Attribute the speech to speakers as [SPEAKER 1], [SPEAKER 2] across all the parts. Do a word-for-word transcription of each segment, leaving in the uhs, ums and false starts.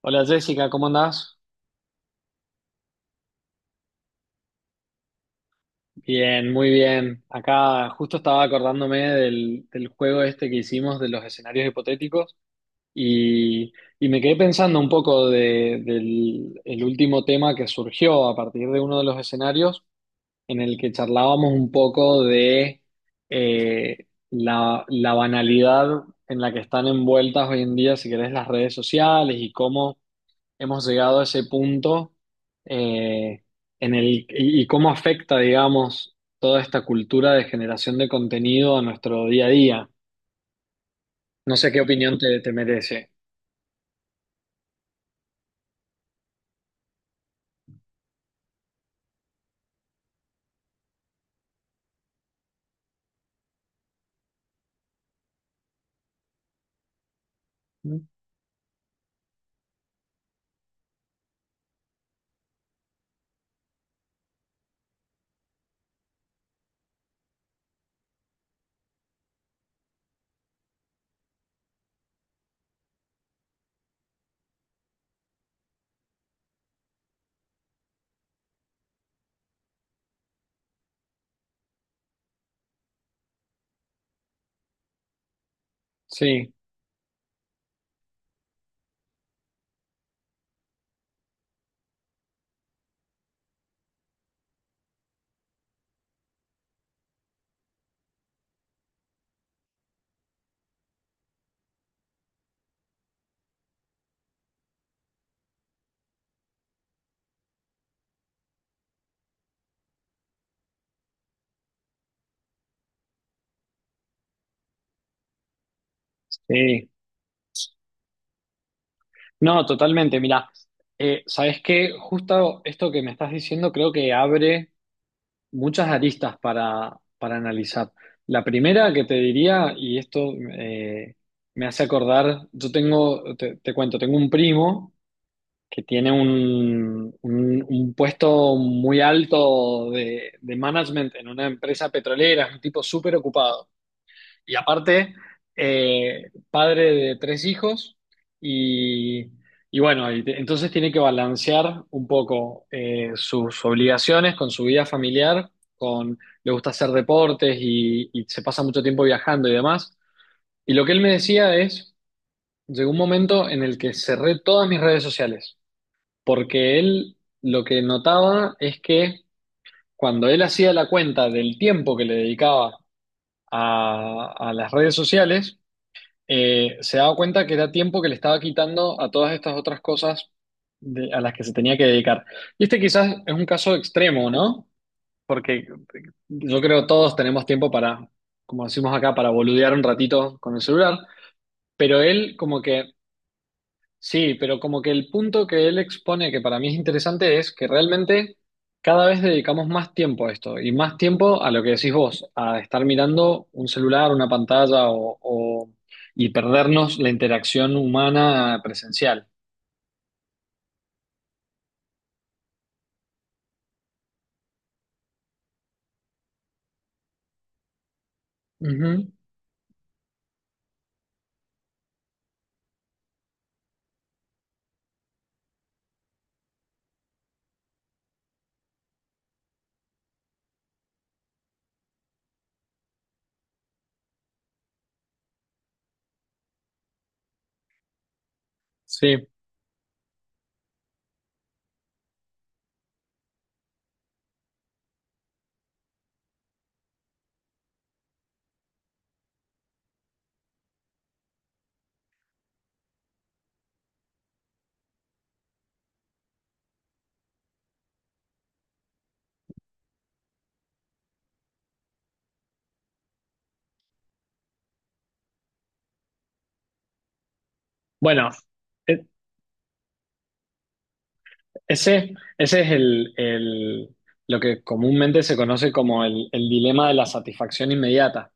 [SPEAKER 1] Hola Jessica, ¿cómo andás? Bien, muy bien. Acá justo estaba acordándome del, del juego este que hicimos de los escenarios hipotéticos y, y me quedé pensando un poco de- del el último tema que surgió a partir de uno de los escenarios en el que charlábamos un poco de eh, la, la banalidad en la que están envueltas hoy en día, si querés, las redes sociales y cómo hemos llegado a ese punto eh, en el y, y cómo afecta, digamos, toda esta cultura de generación de contenido a nuestro día a día. No sé qué opinión te, te merece. Sí, sí. No, totalmente. Mira, eh, ¿sabes qué? Justo esto que me estás diciendo creo que abre muchas aristas para, para analizar. La primera que te diría, y esto eh, me hace acordar, yo tengo, te, te cuento, tengo un primo que tiene un, un- un puesto muy alto de, de management en una empresa petrolera, es un tipo súper ocupado. Y aparte, eh, padre de tres hijos y, y bueno, y te- entonces tiene que balancear un poco eh, sus obligaciones con su vida familiar, con le gusta hacer deportes y, y se pasa mucho tiempo viajando y demás. Y lo que él me decía es, llegó un momento en el que cerré todas mis redes sociales porque él lo que notaba es que cuando él hacía la cuenta del tiempo que le dedicaba a, a las redes sociales, eh, se daba cuenta que era tiempo que le estaba quitando a todas estas otras cosas de- a las que se tenía que dedicar. Y este quizás es un caso extremo, ¿no? Porque yo creo todos tenemos tiempo para, como decimos acá, para boludear un ratito con el celular, pero él como que sí, pero como que el punto que él expone que para mí es interesante es que realmente cada vez dedicamos más tiempo a esto y más tiempo a lo que decís vos, a estar mirando un celular, una pantalla o, o- y perdernos la interacción humana presencial. Ujú, sí, bueno, e- ese, ese es el, el- lo que comúnmente se conoce como el el dilema de la satisfacción inmediata.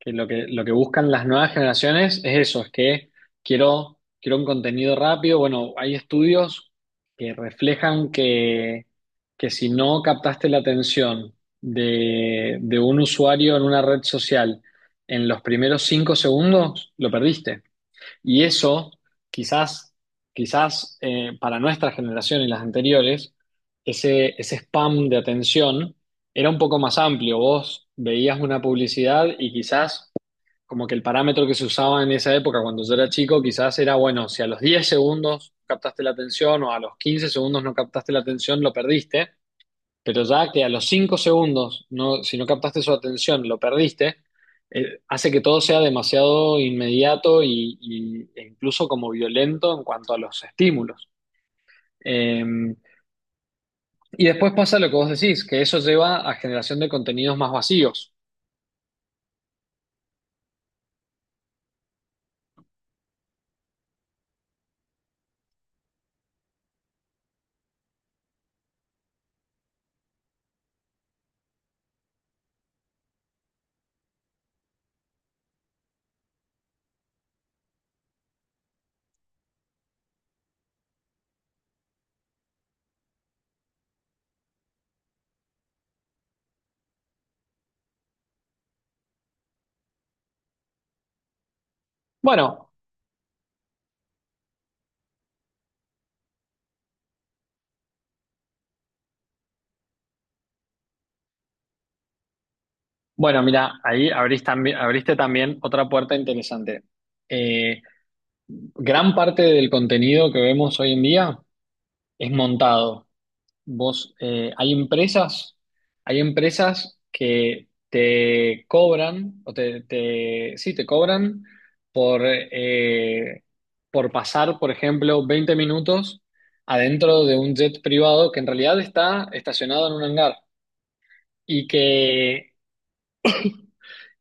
[SPEAKER 1] Que lo que, lo que buscan las nuevas generaciones es eso, es que quiero, quiero un contenido rápido. Bueno, hay estudios que reflejan que, que si no captaste la atención de, de un usuario en una red social en los primeros cinco segundos, lo perdiste. Y eso, quizás, quizás eh, para nuestra generación y las anteriores, ese, ese spam de atención era un poco más amplio. Vos veías una publicidad y quizás como que el parámetro que se usaba en esa época cuando yo era chico quizás era, bueno, si a los diez segundos captaste la atención o a los quince segundos no captaste la atención, lo perdiste, pero ya que a los cinco segundos, no, si no captaste su atención, lo perdiste, eh, hace que todo sea demasiado inmediato y, y- e incluso como violento en cuanto a los estímulos. Eh, y después pasa lo que vos decís, que eso lleva a generación de contenidos más vacíos. Bueno, bueno, mira, ahí abrís tambi- abriste también otra puerta interesante. Eh, Gran parte del contenido que vemos hoy en día es montado. Vos, eh, hay empresas, hay empresas que te cobran, o te, te- sí, te cobran por, eh, por pasar, por ejemplo, veinte minutos adentro de un jet privado que en realidad está estacionado en un hangar y que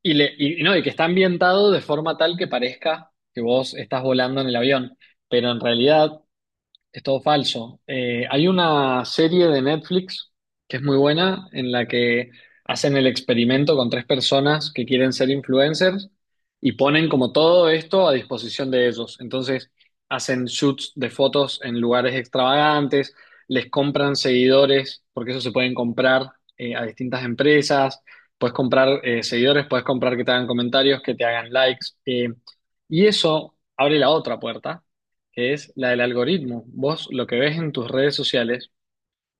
[SPEAKER 1] Y, le, y, no, y que está ambientado de forma tal que parezca que vos estás volando en el avión, pero en realidad es todo falso. Eh, hay una serie de Netflix que es muy buena en la que hacen el experimento con tres personas que quieren ser influencers y ponen como todo esto a disposición de ellos. Entonces hacen shoots de fotos en lugares extravagantes, les compran seguidores, porque eso se pueden comprar eh, a distintas empresas, puedes comprar eh, seguidores, puedes comprar que te hagan comentarios, que te hagan likes. Eh, y eso abre la otra puerta que es la del algoritmo. Vos lo que ves en tus redes sociales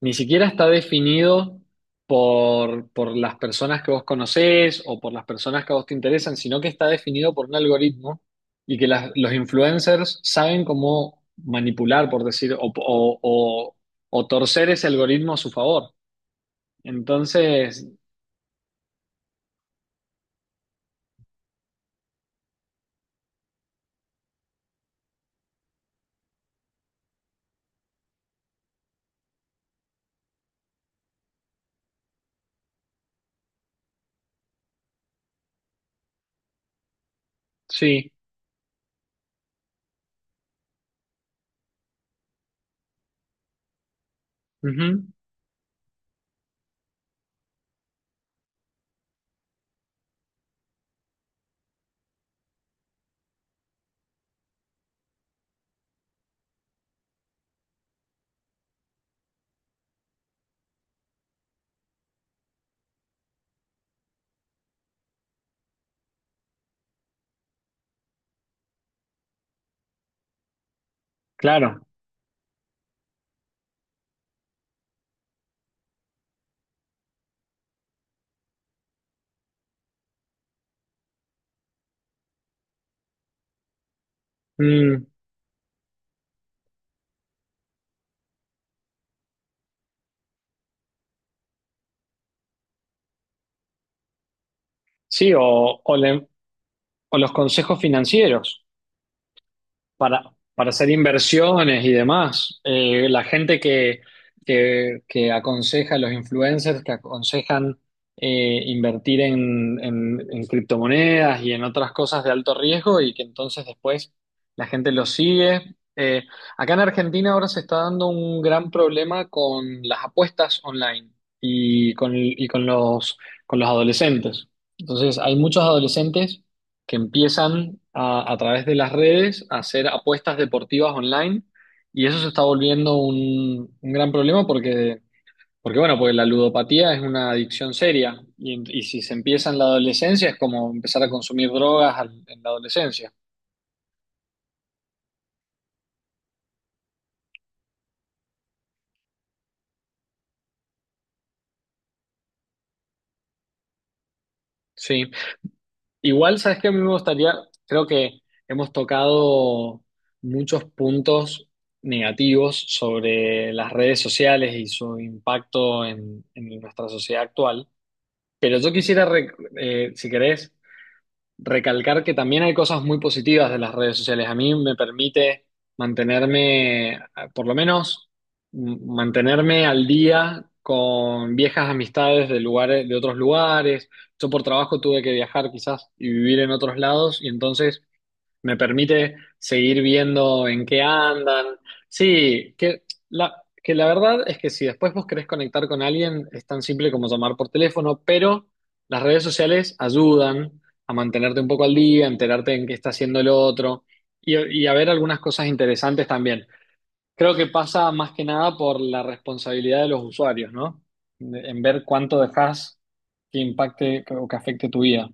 [SPEAKER 1] ni siquiera está definido por, por las personas que vos conocés o por las personas que a vos te interesan, sino que está definido por un algoritmo y que las- los influencers saben cómo manipular, por decir, o, o- o- o torcer ese algoritmo a su favor. Entonces, sí, ujú, claro. Mm, sí, o, o le- o los consejos financieros. para, para hacer inversiones y demás. Eh, la gente que, que, que aconseja, los influencers que aconsejan eh, invertir en, en, en criptomonedas y en otras cosas de alto riesgo y que entonces después la gente los sigue. Eh, acá en Argentina ahora se está dando un gran problema con las apuestas online y con, y con los, con los adolescentes. Entonces hay muchos adolescentes que empiezan a, a través de las redes a hacer apuestas deportivas online y eso se está volviendo un, un gran problema porque, porque, bueno, pues la ludopatía es una adicción seria y, en- y si se empieza en la adolescencia es como empezar a consumir drogas al- en la adolescencia. Sí, igual, ¿sabes que a mí me gustaría, creo que hemos tocado muchos puntos negativos sobre las redes sociales y su impacto en en nuestra sociedad actual. Pero yo quisiera, re- eh, si querés, recalcar que también hay cosas muy positivas de las redes sociales. A mí me permite mantenerme, eh, por lo menos, m- mantenerme al día con viejas amistades de lugares, de otros lugares. Yo por trabajo tuve que viajar quizás y vivir en otros lados y entonces me permite seguir viendo en qué andan. Sí, que la, que la verdad es que si después vos querés conectar con alguien, es tan simple como llamar por teléfono, pero las redes sociales ayudan a mantenerte un poco al día, a enterarte en qué está haciendo el otro y, y a ver algunas cosas interesantes también. Creo que pasa más que nada por la responsabilidad de los usuarios, ¿no? En ver cuánto dejás que impacte o que afecte tu vida.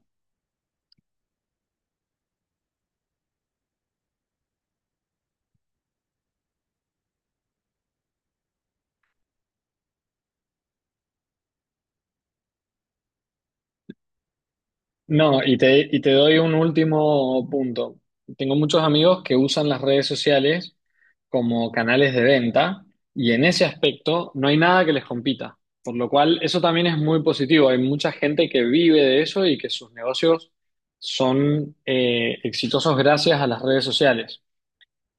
[SPEAKER 1] No, y te, y te doy un último punto. Tengo muchos amigos que usan las redes sociales como canales de venta y en ese aspecto no hay nada que les compita, por lo cual eso también es muy positivo. Hay mucha gente que vive de eso y que sus negocios son eh, exitosos gracias a las redes sociales.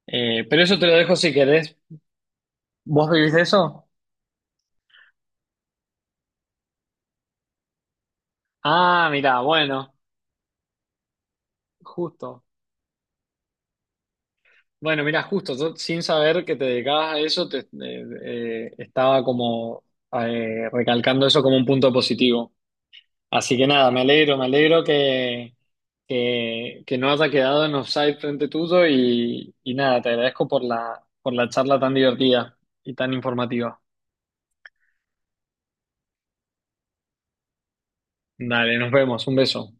[SPEAKER 1] Eh, pero eso te lo dejo si querés. ¿Vos vivís de eso? Ah, mira, bueno, justo. Bueno, mira, justo, yo sin saber que te dedicabas a eso, te, eh, eh, estaba como eh, recalcando eso como un punto positivo. Así que nada, me alegro, me alegro que, que, que no haya quedado en offside frente tuyo y, y nada, te agradezco por la, por la charla tan divertida y tan informativa. Dale, nos vemos, un beso.